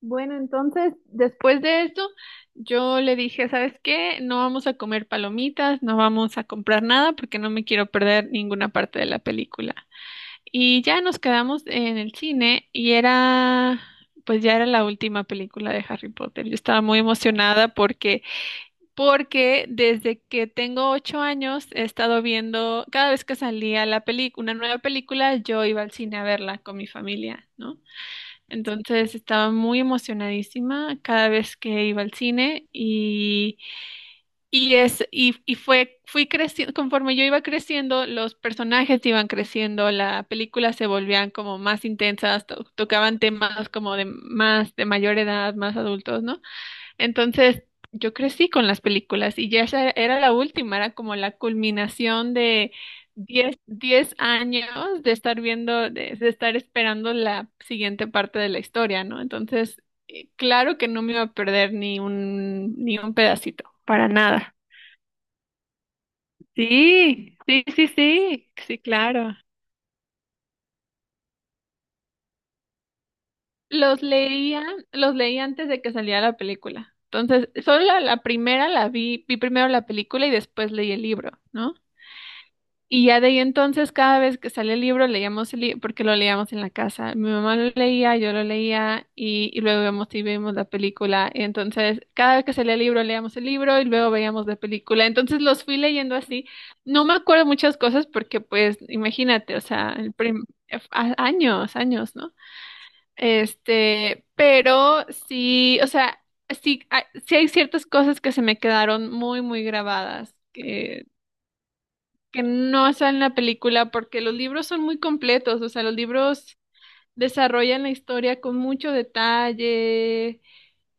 Bueno, entonces, después de esto, yo le dije, ¿sabes qué? No vamos a comer palomitas, no vamos a comprar nada porque no me quiero perder ninguna parte de la película. Y ya nos quedamos en el cine y era, pues ya era la última película de Harry Potter. Yo estaba muy emocionada porque desde que tengo ocho años he estado viendo, cada vez que salía la película, una nueva película, yo iba al cine a verla con mi familia, ¿no? Entonces estaba muy emocionadísima cada vez que iba al cine y es, y fue, fui creciendo, conforme yo iba creciendo, los personajes iban creciendo, la película se volvían como más intensas, tocaban temas como de más, de mayor edad, más adultos, ¿no? Entonces, yo crecí con las películas y ya esa era la última, era como la culminación de diez años de estar viendo, de estar esperando la siguiente parte de la historia, ¿no? Entonces, claro que no me iba a perder ni un pedacito, para nada. Sí, sí, sí, sí, sí, claro. Los leía, los leí antes de que saliera la película. Entonces, la primera la vi, vi primero la película y después leí el libro, ¿no? Y ya de ahí entonces, cada vez que sale el libro, leíamos el libro, porque lo leíamos en la casa. Mi mamá lo leía, yo lo leía, y luego vemos y vimos la película. Y entonces, cada vez que salía el libro, leíamos el libro y luego veíamos la película. Entonces, los fui leyendo así. No me acuerdo muchas cosas porque, pues, imagínate, o sea, años, años, ¿no? Este, pero sí, o sea, sí, sí hay ciertas cosas que se me quedaron muy, muy grabadas que no sale en la película porque los libros son muy completos, o sea, los libros desarrollan la historia con mucho detalle.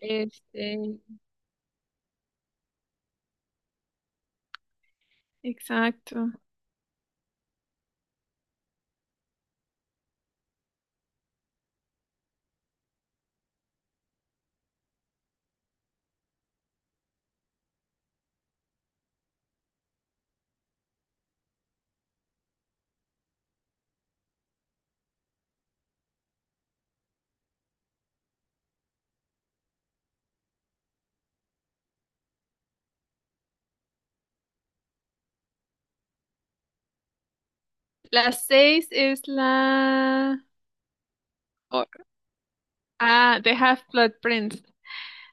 Este, exacto. La seis es la... o- ah, The Half-Blood Prince.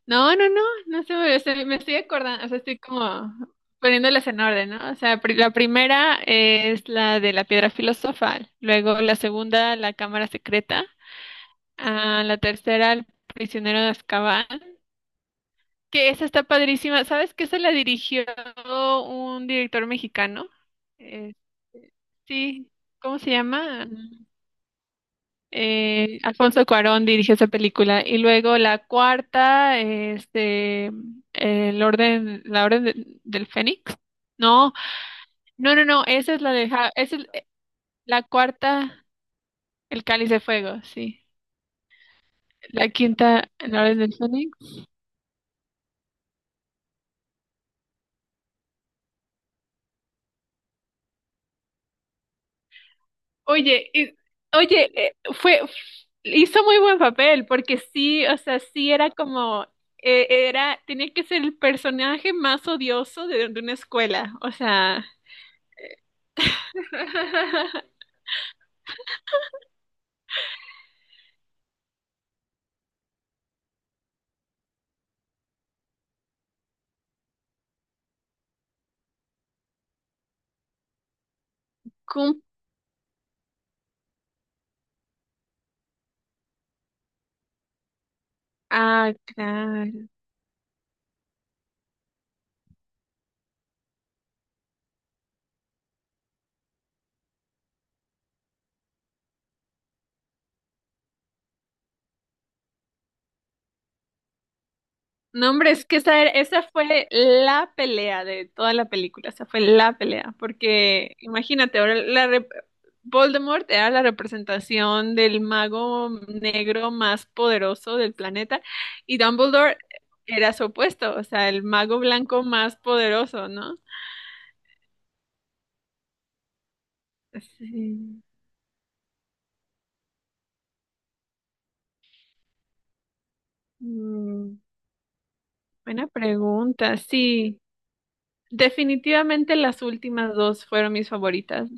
No, no, no, me estoy acordando, o sea, estoy como poniéndolas en orden, ¿no? O sea, la primera es la de la piedra filosofal, luego la segunda, la cámara secreta, ah, la tercera, el prisionero de Azkaban. Que esa está padrísima. ¿Sabes que se la dirigió un director mexicano? Eh, sí, ¿cómo se llama? Alfonso Cuarón dirigió esa película. Y luego la cuarta, este, la orden del Fénix. No, no, no, no, esa es la de, esa es la cuarta, el Cáliz de Fuego, sí. La quinta, la orden del Fénix. Oye, y- oye, hizo muy buen papel, porque sí, o sea, sí era como, tenía que ser el personaje más odioso de una escuela, o sea, cum- Ah, claro. No, hombre, es que esa, esa fue la pelea de toda la película, esa fue la pelea, porque imagínate, ahora Voldemort era la representación del mago negro más poderoso del planeta y Dumbledore era su opuesto, o sea, el mago blanco más poderoso, ¿no? Sí. Mm, buena pregunta, sí. Definitivamente las últimas dos fueron mis favoritas.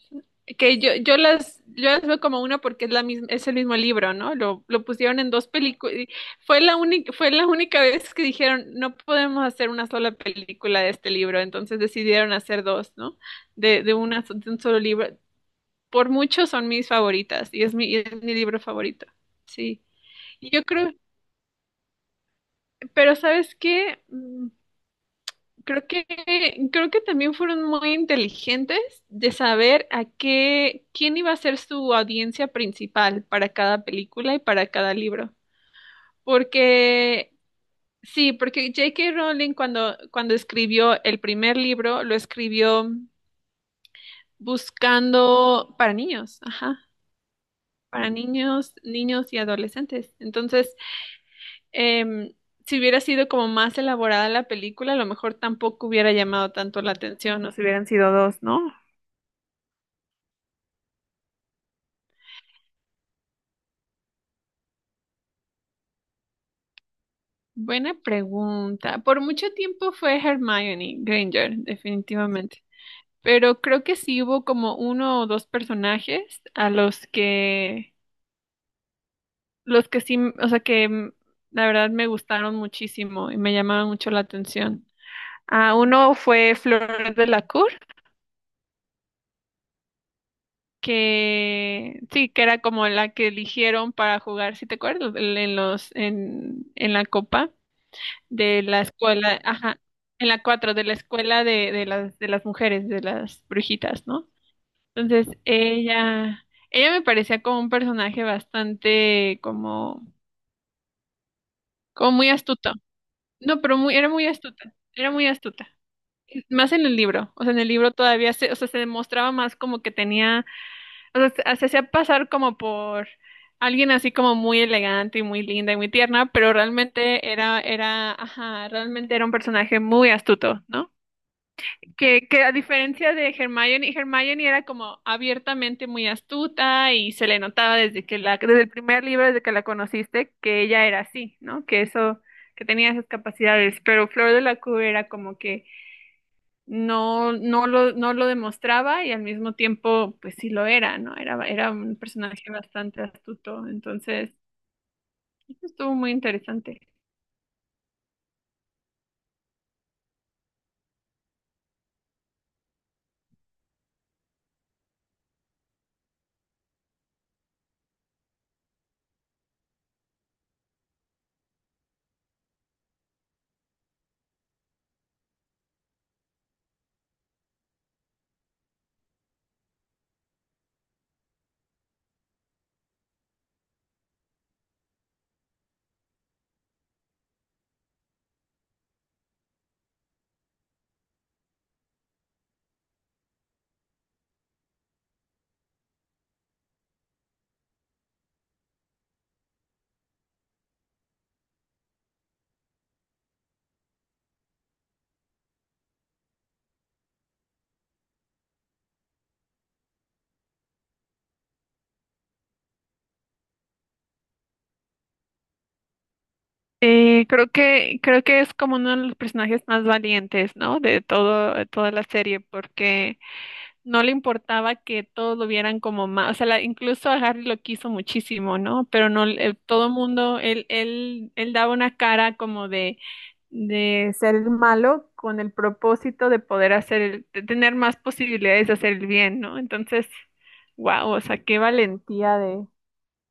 Que yo las veo como una porque es la misma, es el mismo libro, ¿no? Lo pusieron en dos películas. Fue la única vez que dijeron, no podemos hacer una sola película de este libro, entonces decidieron hacer dos, ¿no? De una, de un solo libro. Por mucho son mis favoritas y es mi libro favorito. Sí. Y yo creo, pero ¿sabes qué? Creo que, creo que también fueron muy inteligentes de saber a qué, quién iba a ser su audiencia principal para cada película y para cada libro. Porque, sí, porque J.K. Rowling cuando escribió el primer libro, lo escribió buscando para niños, ajá, para niños, niños y adolescentes. Entonces, em, si hubiera sido como más elaborada la película, a lo mejor tampoco hubiera llamado tanto la atención, o si hubieran sido dos, ¿no? Buena pregunta. Por mucho tiempo fue Hermione Granger, definitivamente. Pero creo que sí hubo como uno o dos personajes a los que sí, o sea, que mm, la verdad me gustaron muchísimo y me llamaban mucho la atención. Ah, uno fue Flor de la Cour, que sí, que era como la que eligieron para jugar, si te acuerdas, en la copa. De la escuela, ajá, en la cuatro, de la escuela de las mujeres, de las brujitas, ¿no? Entonces, ella, ella me parecía como un personaje bastante, como, como muy astuto. No, pero muy, era muy astuta, era muy astuta. Más en el libro, o sea, en el libro todavía se, o sea, se demostraba más como que tenía, o sea, se hacía pasar como por alguien así como muy elegante y muy linda y muy tierna, pero realmente ajá, realmente era un personaje muy astuto, ¿no? Que a diferencia de Hermione, Hermione era como abiertamente muy astuta y se le notaba desde el primer libro, desde que la conociste, que ella era así, ¿no? Que eso, que tenía esas capacidades, pero Flor de la Cueva era como que no lo demostraba y al mismo tiempo, pues sí lo era, ¿no? Era un personaje bastante astuto, entonces, eso estuvo muy interesante. Creo que es como uno de los personajes más valientes, ¿no? De todo toda la serie, porque no le importaba que todos lo vieran como más, o sea, incluso a Harry lo quiso muchísimo, ¿no? Pero no, todo mundo, él daba una cara como de ser el malo con el propósito de poder hacer, de tener más posibilidades de hacer el bien, ¿no? Entonces, wow, o sea, qué valentía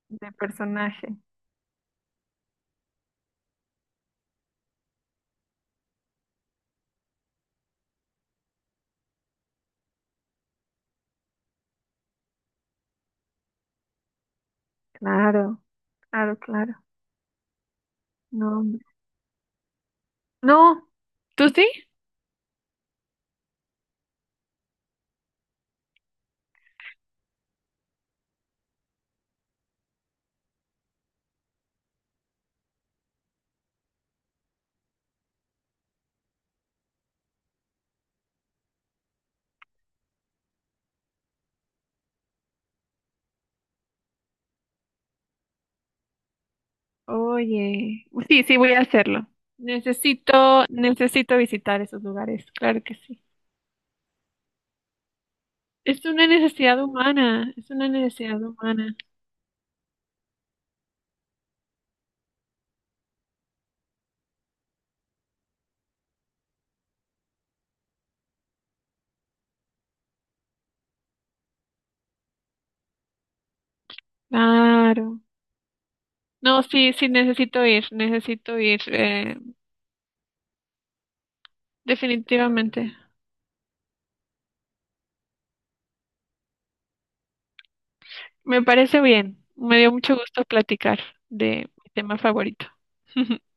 de personaje. Claro, claro, claro. No, hombre. No, ¿tú sí? Oye, sí, sí, voy a hacerlo. Necesito, necesito visitar esos lugares, claro que sí. Es una necesidad humana, es una necesidad humana. Claro. No, sí, sí, necesito ir, definitivamente. Me parece bien. Me dio mucho gusto platicar de mi tema favorito.